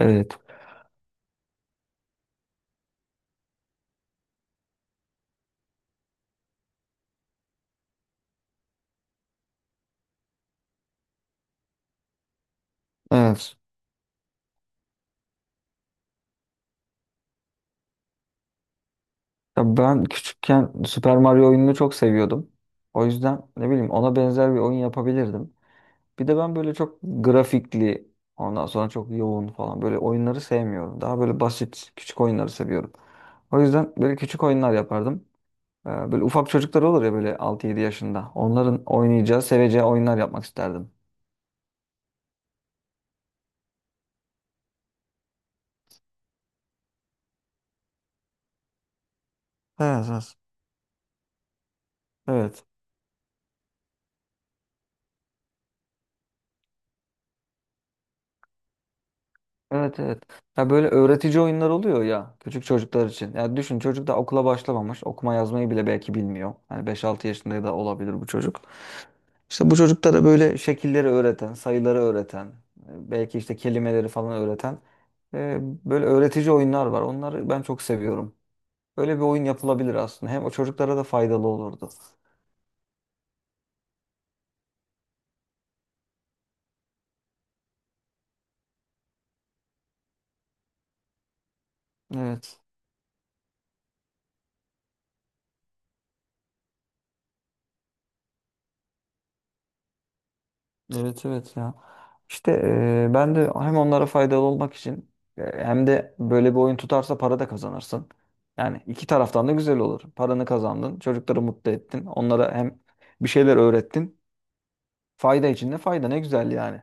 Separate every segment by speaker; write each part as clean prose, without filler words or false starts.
Speaker 1: Evet. Evet. Ya ben küçükken Super Mario oyununu çok seviyordum. O yüzden ne bileyim ona benzer bir oyun yapabilirdim. Bir de ben böyle çok grafikli, ondan sonra çok yoğun falan böyle oyunları sevmiyorum. Daha böyle basit küçük oyunları seviyorum. O yüzden böyle küçük oyunlar yapardım. Böyle ufak çocuklar olur ya böyle 6-7 yaşında. Onların oynayacağı, seveceği oyunlar yapmak isterdim. Evet, evet. Evet. Evet evet. Ya böyle öğretici oyunlar oluyor ya küçük çocuklar için. Ya düşün çocuk da okula başlamamış. Okuma yazmayı bile belki bilmiyor. Hani 5-6 yaşında da olabilir bu çocuk. İşte bu çocuklara böyle şekilleri öğreten, sayıları öğreten, belki işte kelimeleri falan öğreten böyle öğretici oyunlar var. Onları ben çok seviyorum. Böyle bir oyun yapılabilir aslında. Hem o çocuklara da faydalı olurdu. Evet. Evet evet ya. İşte ben de hem onlara faydalı olmak için hem de böyle bir oyun tutarsa para da kazanırsın. Yani iki taraftan da güzel olur. Paranı kazandın, çocukları mutlu ettin. Onlara hem bir şeyler öğrettin. Fayda içinde fayda ne güzel yani.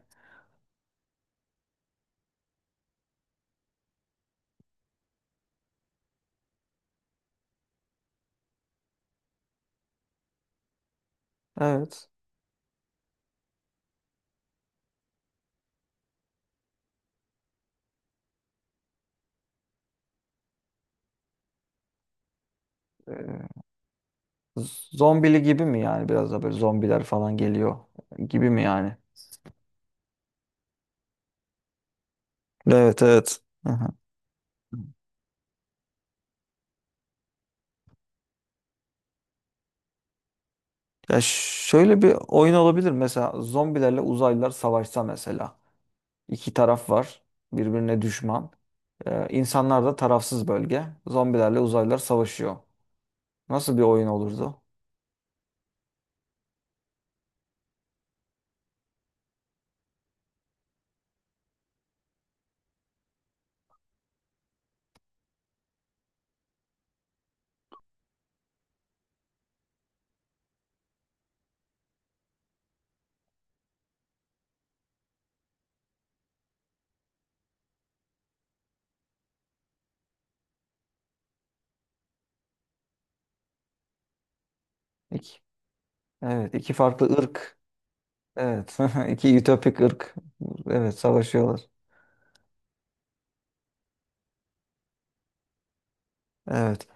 Speaker 1: Evet. E, zombili gibi mi yani biraz da böyle zombiler falan geliyor gibi mi yani? Evet evet. Hı hı. Ya şöyle bir oyun olabilir mesela zombilerle uzaylılar savaşsa mesela. İki taraf var birbirine düşman. İnsanlar da tarafsız bölge. Zombilerle uzaylılar savaşıyor. Nasıl bir oyun olurdu? İki, evet, iki farklı ırk. Evet, iki ütopik ırk. Evet, savaşıyorlar. Evet.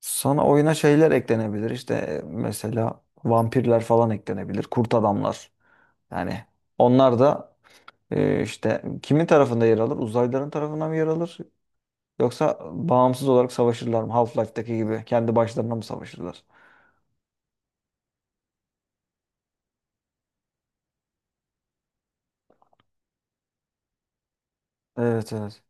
Speaker 1: Sonra oyuna şeyler eklenebilir. İşte mesela vampirler falan eklenebilir. Kurt adamlar. Yani onlar da işte kimin tarafında yer alır? Uzaylıların tarafına mı yer alır? Yoksa bağımsız olarak savaşırlar mı? Half-Life'daki gibi kendi başlarına mı savaşırlar? Evet evet.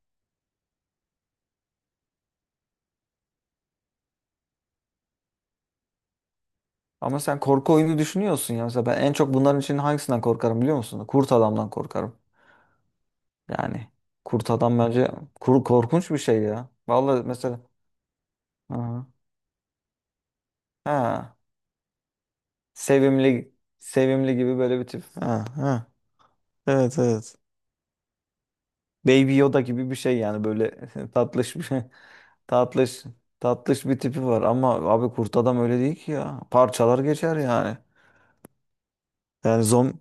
Speaker 1: Ama sen korku oyunu düşünüyorsun ya. Mesela ben en çok bunların için hangisinden korkarım biliyor musun? Kurt adamdan korkarım. Yani kurt adam bence korkunç bir şey ya. Vallahi mesela ha, ha, sevimli sevimli gibi böyle bir tip. Ha, ha. Evet evet. Baby Yoda gibi bir şey yani böyle tatlış bir tatlış tatlış bir tipi var ama abi kurt adam öyle değil ki ya. Parçalar geçer yani. Yani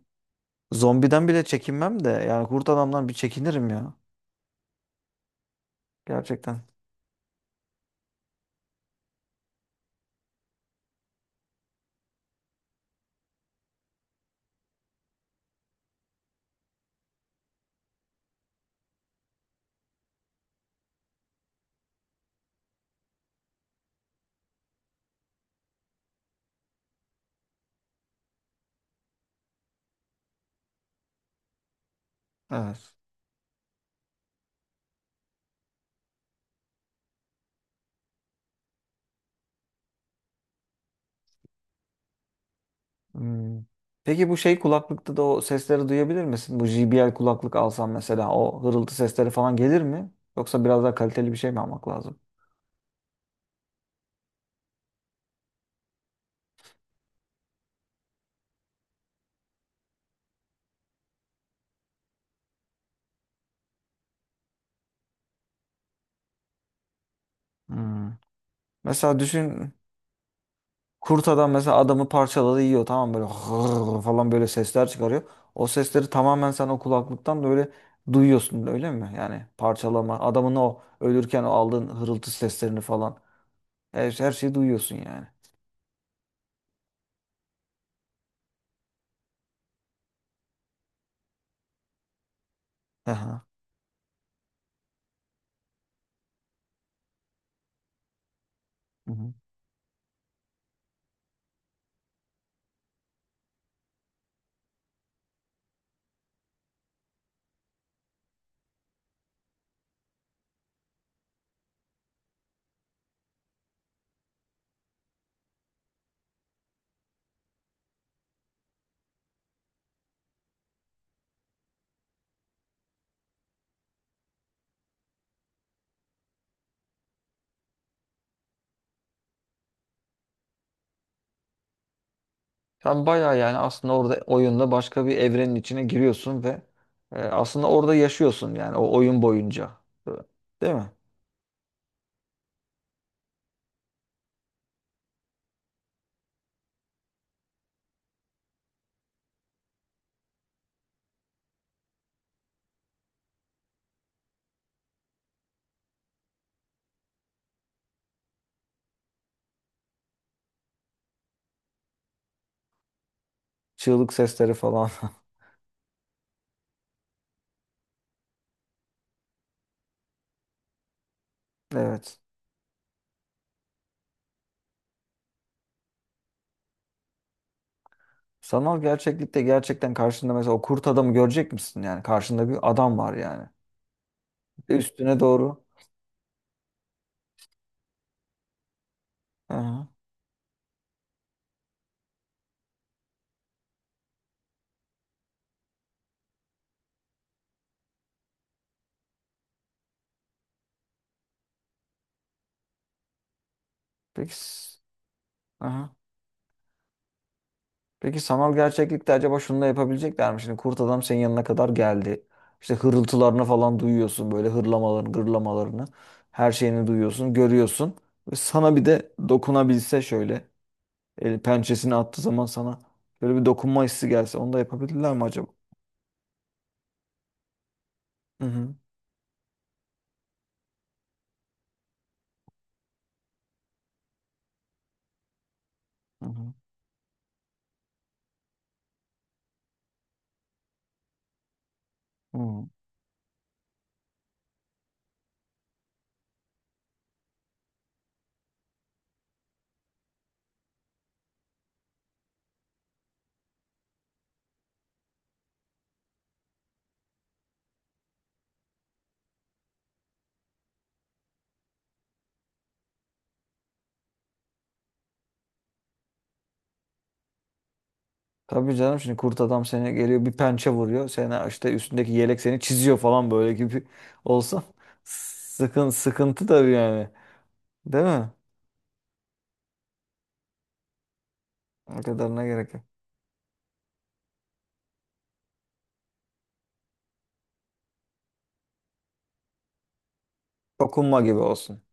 Speaker 1: zombiden bile çekinmem de yani kurt adamdan bir çekinirim ya. Gerçekten. Evet. Hmm. Peki bu şey kulaklıkta da o sesleri duyabilir misin? Bu JBL kulaklık alsam mesela o hırıltı sesleri falan gelir mi? Yoksa biraz daha kaliteli bir şey mi almak lazım? Hmm. Mesela düşün kurt adam mesela adamı parçaladı yiyor, tamam mı? Böyle hırr falan böyle sesler çıkarıyor. O sesleri tamamen sen o kulaklıktan da öyle duyuyorsun öyle mi? Yani parçalama adamın o ölürken o aldığın hırıltı seslerini falan her şeyi duyuyorsun yani. Aha. Sen bayağı yani aslında orada oyunda başka bir evrenin içine giriyorsun ve aslında orada yaşıyorsun yani o oyun boyunca. Değil mi? Çığlık sesleri falan. Evet. Sanal gerçeklikte gerçekten karşında mesela o kurt adamı görecek misin yani? Karşında bir adam var yani. Üstüne doğru. Aha. Peki. Aha. Peki sanal gerçeklikte acaba şunu da yapabilecekler mi? Şimdi kurt adam senin yanına kadar geldi. İşte hırıltılarını falan duyuyorsun. Böyle hırlamalarını, gırlamalarını. Her şeyini duyuyorsun, görüyorsun. Ve sana bir de dokunabilse şöyle. El pençesini attığı zaman sana böyle bir dokunma hissi gelse. Onu da yapabilirler mi acaba? Hı hı. Hı hı. Hı. Tabii canım, şimdi kurt adam seni geliyor bir pençe vuruyor. Seni işte üstündeki yelek seni çiziyor falan böyle gibi olsa. Sıkıntı tabii yani. Değil mi? O kadarına gerek yok. Dokunma gibi olsun.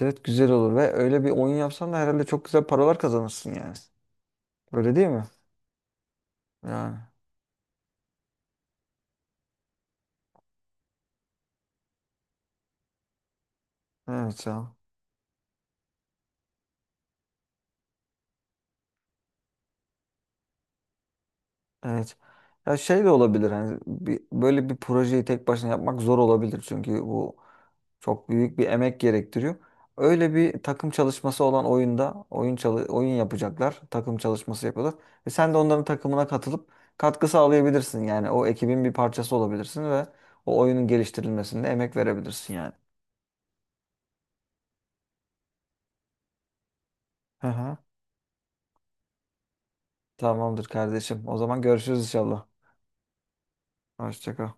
Speaker 1: Evet, güzel olur ve öyle bir oyun yapsan da herhalde çok güzel paralar kazanırsın yani. Öyle değil mi? Yani evet ya. Evet. Ya şey de olabilir, hani böyle bir projeyi tek başına yapmak zor olabilir çünkü bu çok büyük bir emek gerektiriyor. Öyle bir takım çalışması olan oyunda oyun yapacaklar. Takım çalışması yapıyorlar. Ve sen de onların takımına katılıp katkı sağlayabilirsin. Yani o ekibin bir parçası olabilirsin ve o oyunun geliştirilmesinde emek verebilirsin yani. Hı hı. Tamamdır kardeşim. O zaman görüşürüz inşallah. Hoşça kal.